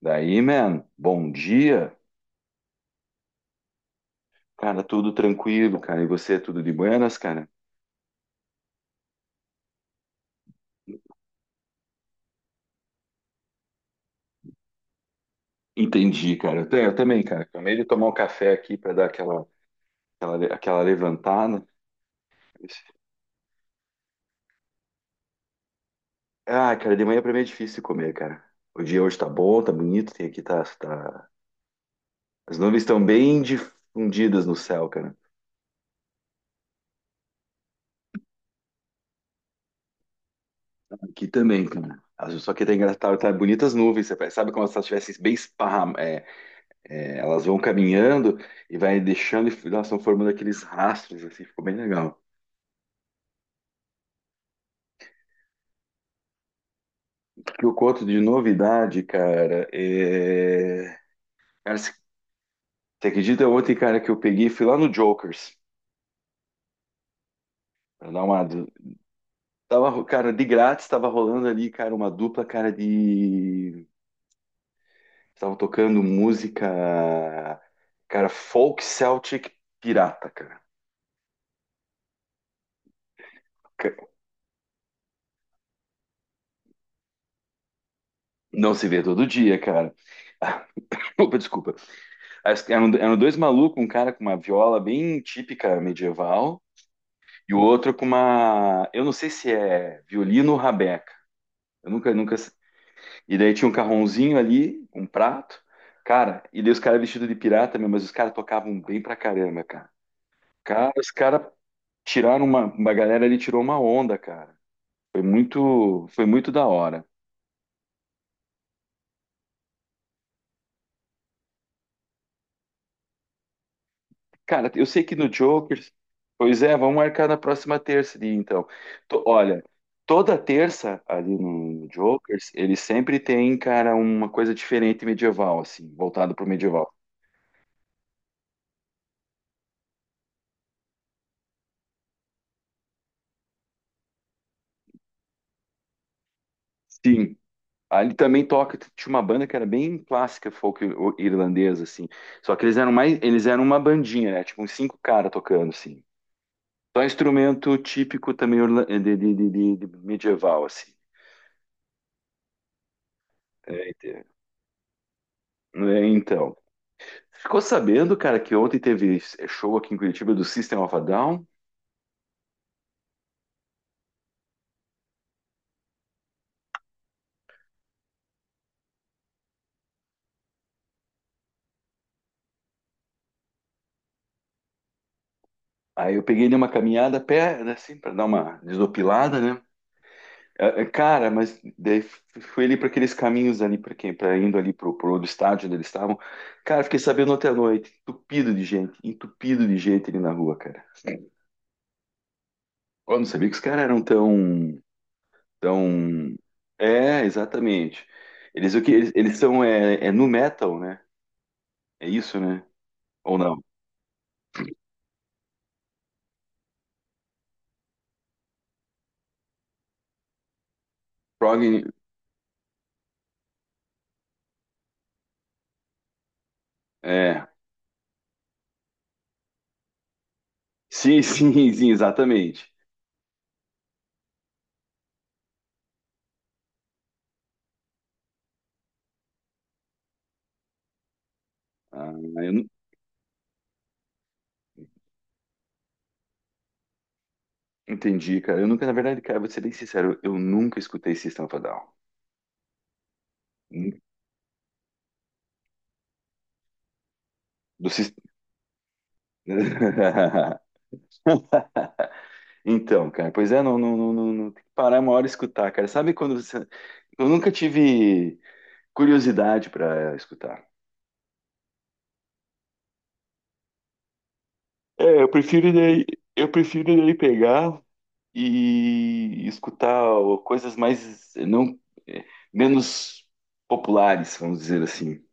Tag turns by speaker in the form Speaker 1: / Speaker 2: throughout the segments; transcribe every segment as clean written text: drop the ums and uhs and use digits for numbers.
Speaker 1: Daí, man, bom dia. Cara, tudo tranquilo, cara. E você, tudo de buenas, cara? Entendi, cara. Eu também, cara. Acabei de tomar um café aqui pra dar aquela levantada. Ah, cara, de manhã pra mim é difícil comer, cara. O dia hoje tá bom, tá bonito, tem aqui tá, tá. As nuvens estão bem difundidas no céu, cara. Aqui também, cara. Só que tá engraçado, tá bonitas nuvens, você sabe, como se elas estivessem bem esparramadas. É, elas vão caminhando e vai deixando, e elas estão formando aqueles rastros, assim, ficou bem legal. O que eu conto de novidade, cara, é. Cara, você acredita ontem, cara, que eu peguei, fui lá no Jokers, pra dar uma. Tava, cara, de grátis, tava rolando ali, cara, uma dupla, cara, de. Tava tocando música, cara, folk Celtic pirata, cara. Não se vê todo dia, cara. Opa, desculpa. Eram dois malucos, um cara com uma viola bem típica medieval e o outro com uma, eu não sei se é violino ou rabeca. Eu nunca, nunca. E daí tinha um carronzinho ali, um prato, cara. E daí os caras vestidos de pirata mesmo, mas os caras tocavam bem pra caramba, cara. Cara, os caras uma galera ali tirou uma onda, cara. Foi muito da hora. Cara, eu sei que no Jokers. Pois é, vamos marcar na próxima terça ali, então. Olha, toda terça ali no Jokers, ele sempre tem, cara, uma coisa diferente medieval, assim, voltado pro medieval. Sim. Ali também toca, tinha uma banda que era bem clássica, folk irlandesa, assim. Só que eles eram mais, eles eram uma bandinha, né? Tipo, uns cinco caras tocando, assim. Só instrumento típico também de medieval, assim. É, ente- é, então. Ficou sabendo, cara, que ontem teve show aqui em Curitiba do System of a Down. Aí eu peguei numa caminhada a pé, né, assim, para dar uma desopilada, né? É, cara, mas daí fui ali para aqueles caminhos ali para quem, para indo ali pro, outro estádio onde eles estavam. Cara, fiquei sabendo ontem à noite, entupido de gente ali na rua, cara. Eu não sabia que os caras eram tão, tão. É, exatamente. Eles O que eles são é nu metal, né? É isso, né? Ou não? Prog, é. Sim, sim, sim, exatamente. Ah, eu entendi, cara. Eu nunca, na verdade, cara, vou ser bem sincero, eu nunca escutei System of a Down. Nun- Do Sys- Então, cara, pois é, não, não, não, não, não- tem que parar uma hora e escutar, cara. Sabe quando você. Eu nunca tive curiosidade para escutar. É, eu prefiro daí pegar e escutar coisas mais não, eh, menos populares, vamos dizer assim.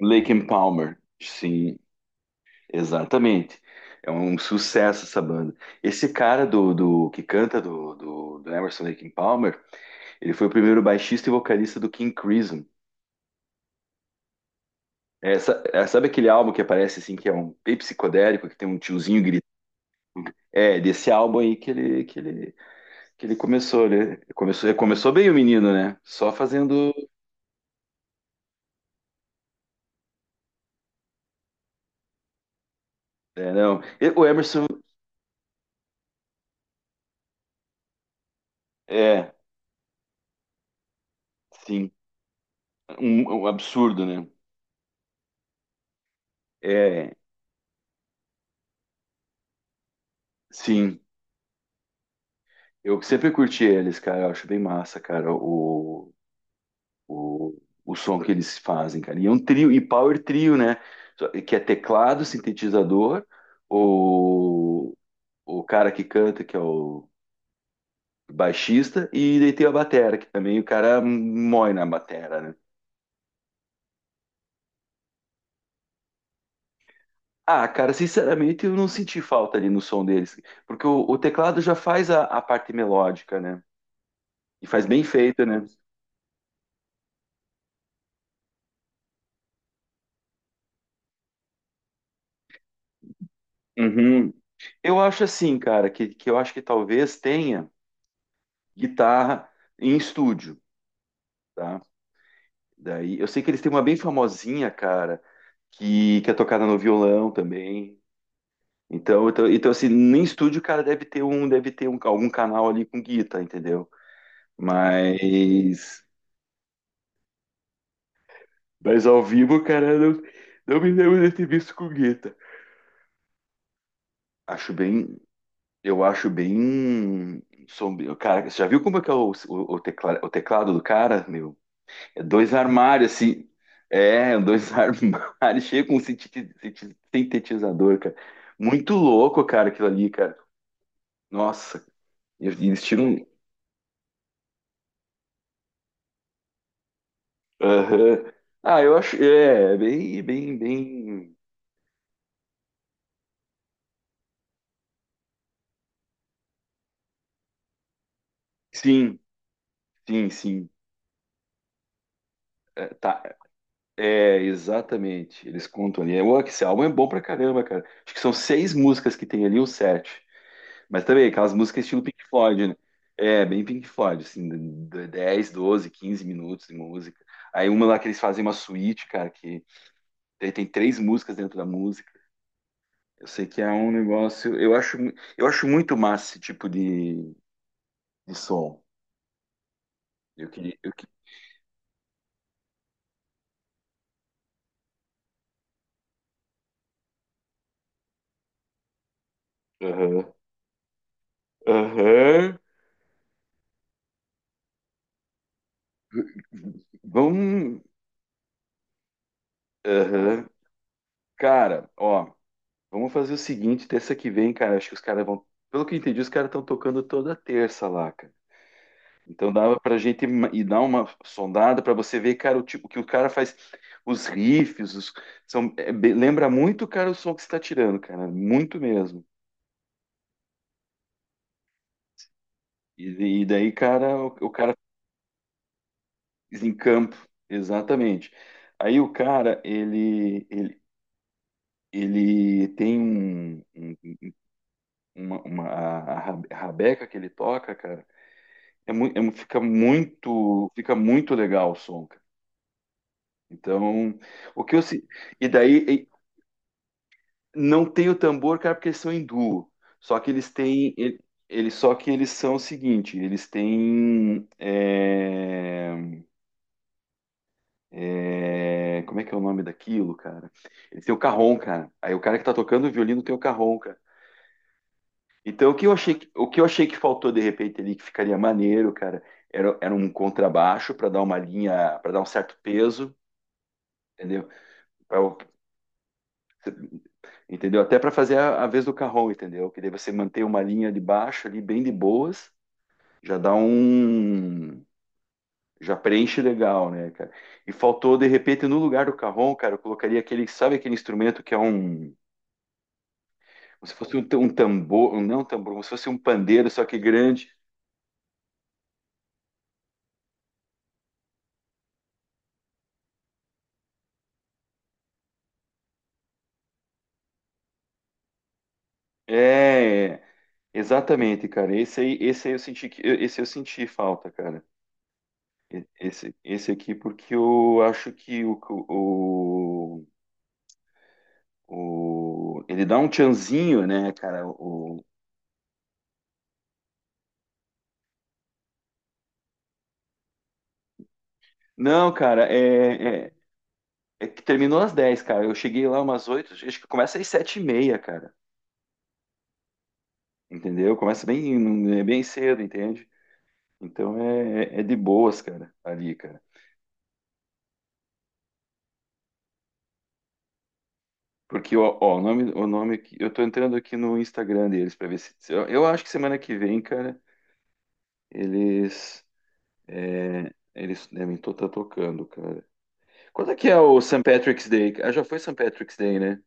Speaker 1: Lake and Palmer. Sim, exatamente. É um sucesso essa banda. Esse cara do que canta do Emerson Lake and Palmer, ele foi o primeiro baixista e vocalista do King Crimson. É, sabe aquele álbum que aparece assim, que é um bem psicodélico, que tem um tiozinho gritando? É, desse álbum aí que ele começou, né? Começou, ele começou bem o menino, né? Só fazendo. É, não. O Emerson é, sim, um absurdo, né? É, sim. Eu sempre curti eles, cara. Eu acho bem massa, cara, o, o som que eles fazem, cara. E é um trio, e power trio, né? Que é teclado, sintetizador, o, o cara que canta, que é o baixista, e daí tem a batera, que também o cara mói na batera, né? Ah, cara, sinceramente, eu não senti falta ali no som deles, porque o teclado já faz a parte melódica, né? E faz bem feito, né? Uhum. Eu acho assim, cara, que eu acho que talvez tenha guitarra em estúdio, tá? Daí, eu sei que eles têm uma bem famosinha, cara, que é tocada no violão também. Então assim, nem estúdio o cara deve ter um, algum canal ali com guitarra, entendeu? Mas, mas ao vivo, cara, não me lembro de ter visto com guitarra. Acho bem, eu acho bem sombrio. Cara, você já viu como é que é o teclado do cara, meu? Dois armários, assim. É, dois armários cheios com sintetizador, cara. Muito louco, cara, aquilo ali, cara. Nossa, e eles tiram um. Aham. Ah, eu acho. É bem, bem, bem. Sim, sim, sim. É, tá. É, exatamente. Eles contam ali. Ué, que esse álbum é bom pra caramba, cara. Acho que são seis músicas que tem ali, ou sete. Mas também aquelas músicas estilo Pink Floyd, né? É, bem Pink Floyd, assim, 10, 12, 15 minutos de música. Aí uma lá que eles fazem uma suíte, cara, que tem três músicas dentro da música. Eu sei que é um negócio. Eu acho muito massa esse tipo de som. Eu queria. Eu, que- Aham. Aham. Vamos. Aham. Cara, ó, vamos fazer o seguinte, terça que vem, cara. Acho que os caras vão. Pelo que eu entendi, os caras estão tocando toda terça lá, cara. Então dava pra gente ir dar uma sondada pra você ver, cara, o tipo o que o cara faz, os riffs, são, lembra muito, cara, o som que você tá tirando, cara, muito mesmo. E daí, cara, o cara em campo, exatamente. Aí o cara, ele tem a rabeca que ele toca, cara, fica muito legal o som, cara. Então, o que eu se- e daí. Não tem o tambor, cara, porque eles são hindu. Só que eles têm. Ele- Eles, só que eles são o seguinte, eles têm. Como é que é o nome daquilo, cara? Eles têm o carrom, cara. Aí o cara que tá tocando o violino tem o carrom, cara. Então o que eu achei que, o que eu achei que faltou de repente ali, que ficaria maneiro, cara, era um contrabaixo para dar uma linha, para dar um certo peso, entendeu? Pra o- Entendeu? Até para fazer a vez do carrom, entendeu? Que daí você manter uma linha de baixo ali bem de boas. Já dá um. Já preenche legal, né, cara? E faltou, de repente, no lugar do carrom, cara, eu colocaria aquele, sabe aquele instrumento que é um. Como se fosse um tambor, um- não um tambor, como se fosse um pandeiro, só que grande. É, exatamente, cara. Esse aí eu senti que, esse eu senti falta, cara. Esse aqui, porque eu acho que o, ele dá um tchanzinho, né, cara? O, não, cara, é, é. É que terminou às 10, cara. Eu cheguei lá umas 8. Acho que começa às 7h30, cara. Entendeu? Começa bem, é bem cedo, entende? Então é de boas, cara, ali, cara. Porque, ó, o nome que eu tô entrando aqui no Instagram deles pra ver se. Se- Eu acho que semana que vem, cara, eles. Eles devem estar tocando, cara. Quando é que é o St. Patrick's Day? Ah, já foi St. Patrick's Day, né?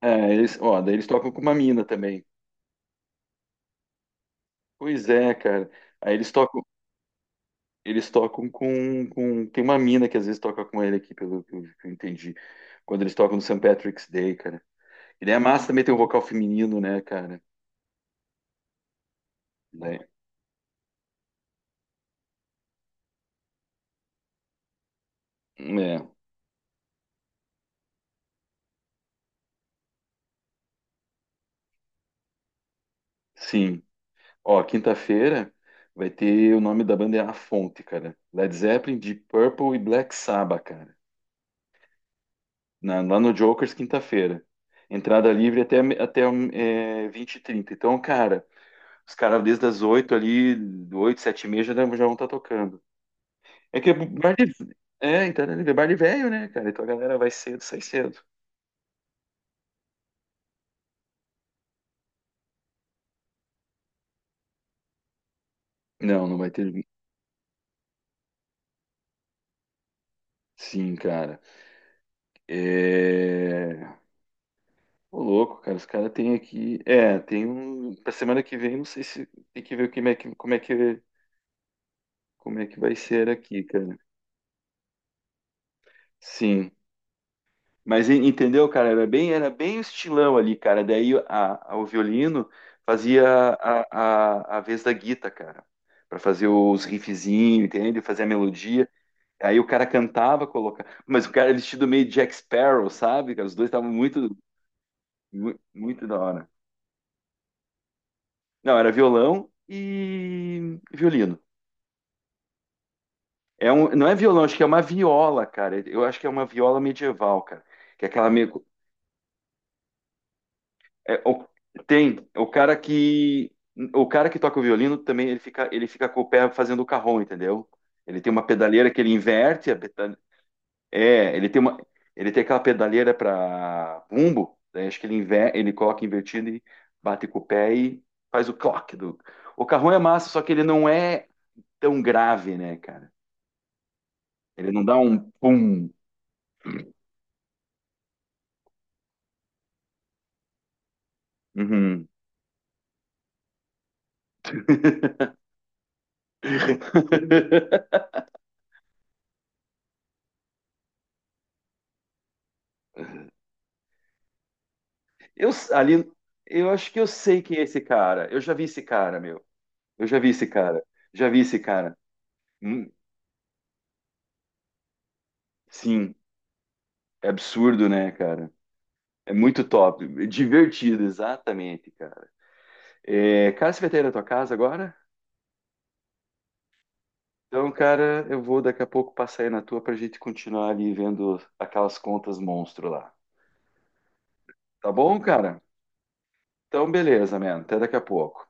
Speaker 1: Ah, eles, ó, daí eles tocam com uma mina também. Pois é, cara. Aí eles tocam. Eles tocam com. Tem uma mina que às vezes toca com ele aqui, pelo que eu entendi. Quando eles tocam no Saint Patrick's Day, cara. E daí a massa também tem um vocal feminino, né, cara? Daí- É, sim. Ó, quinta-feira vai ter, o nome da banda é A Fonte, cara. Led Zeppelin, Deep Purple e Black Sabbath, cara. Lá no Jokers, quinta-feira. Entrada livre até 20h30. Então, cara, os caras desde as 8 ali, 8, 7 e meia já, já vão estar tocando. É que é bar de. É, então, né, bar de velho, né, cara? Então a galera vai cedo, sai cedo. Não vai ter. Sim, cara. É. Ô, louco, cara. Os caras têm aqui. É, tem um. Pra semana que vem, não sei se tem que ver como é que, como é que, como é que vai ser aqui, cara. Sim. Mas entendeu, cara? Era bem o estilão ali, cara. Daí o violino fazia a vez da guita, cara. Pra fazer os riffzinhos, entende? Fazer a melodia. Aí o cara cantava, colocava. Mas o cara vestido meio Jack Sparrow, sabe, cara? Os dois estavam muito da hora. Não, era violão e violino. É um, não é violão, acho que é uma viola, cara. Eu acho que é uma viola medieval, cara. Que é aquela meio. é, o- Tem o cara que toca o violino também, ele fica com o pé fazendo o carrom, entendeu? Ele tem uma pedaleira que ele inverte a, peda-. É, ele tem uma, ele tem aquela pedaleira para bumbo, daí acho que ele coloca invertido e bate com o pé e faz o clock do. O carrão é massa, só que ele não é tão grave, né, cara? Ele não dá um pum. Uhum. Ali, eu acho que eu sei quem é esse cara. Eu já vi esse cara, meu. Eu já vi esse cara. Já vi esse cara. Hum, sim, é absurdo, né, cara? É muito top, divertido, exatamente, cara. É, cara, você vai ter aí na tua casa agora? Então, cara, eu vou daqui a pouco passar aí na tua pra gente continuar ali vendo aquelas contas monstro lá. Tá bom, cara? Então, beleza, mano. Até daqui a pouco.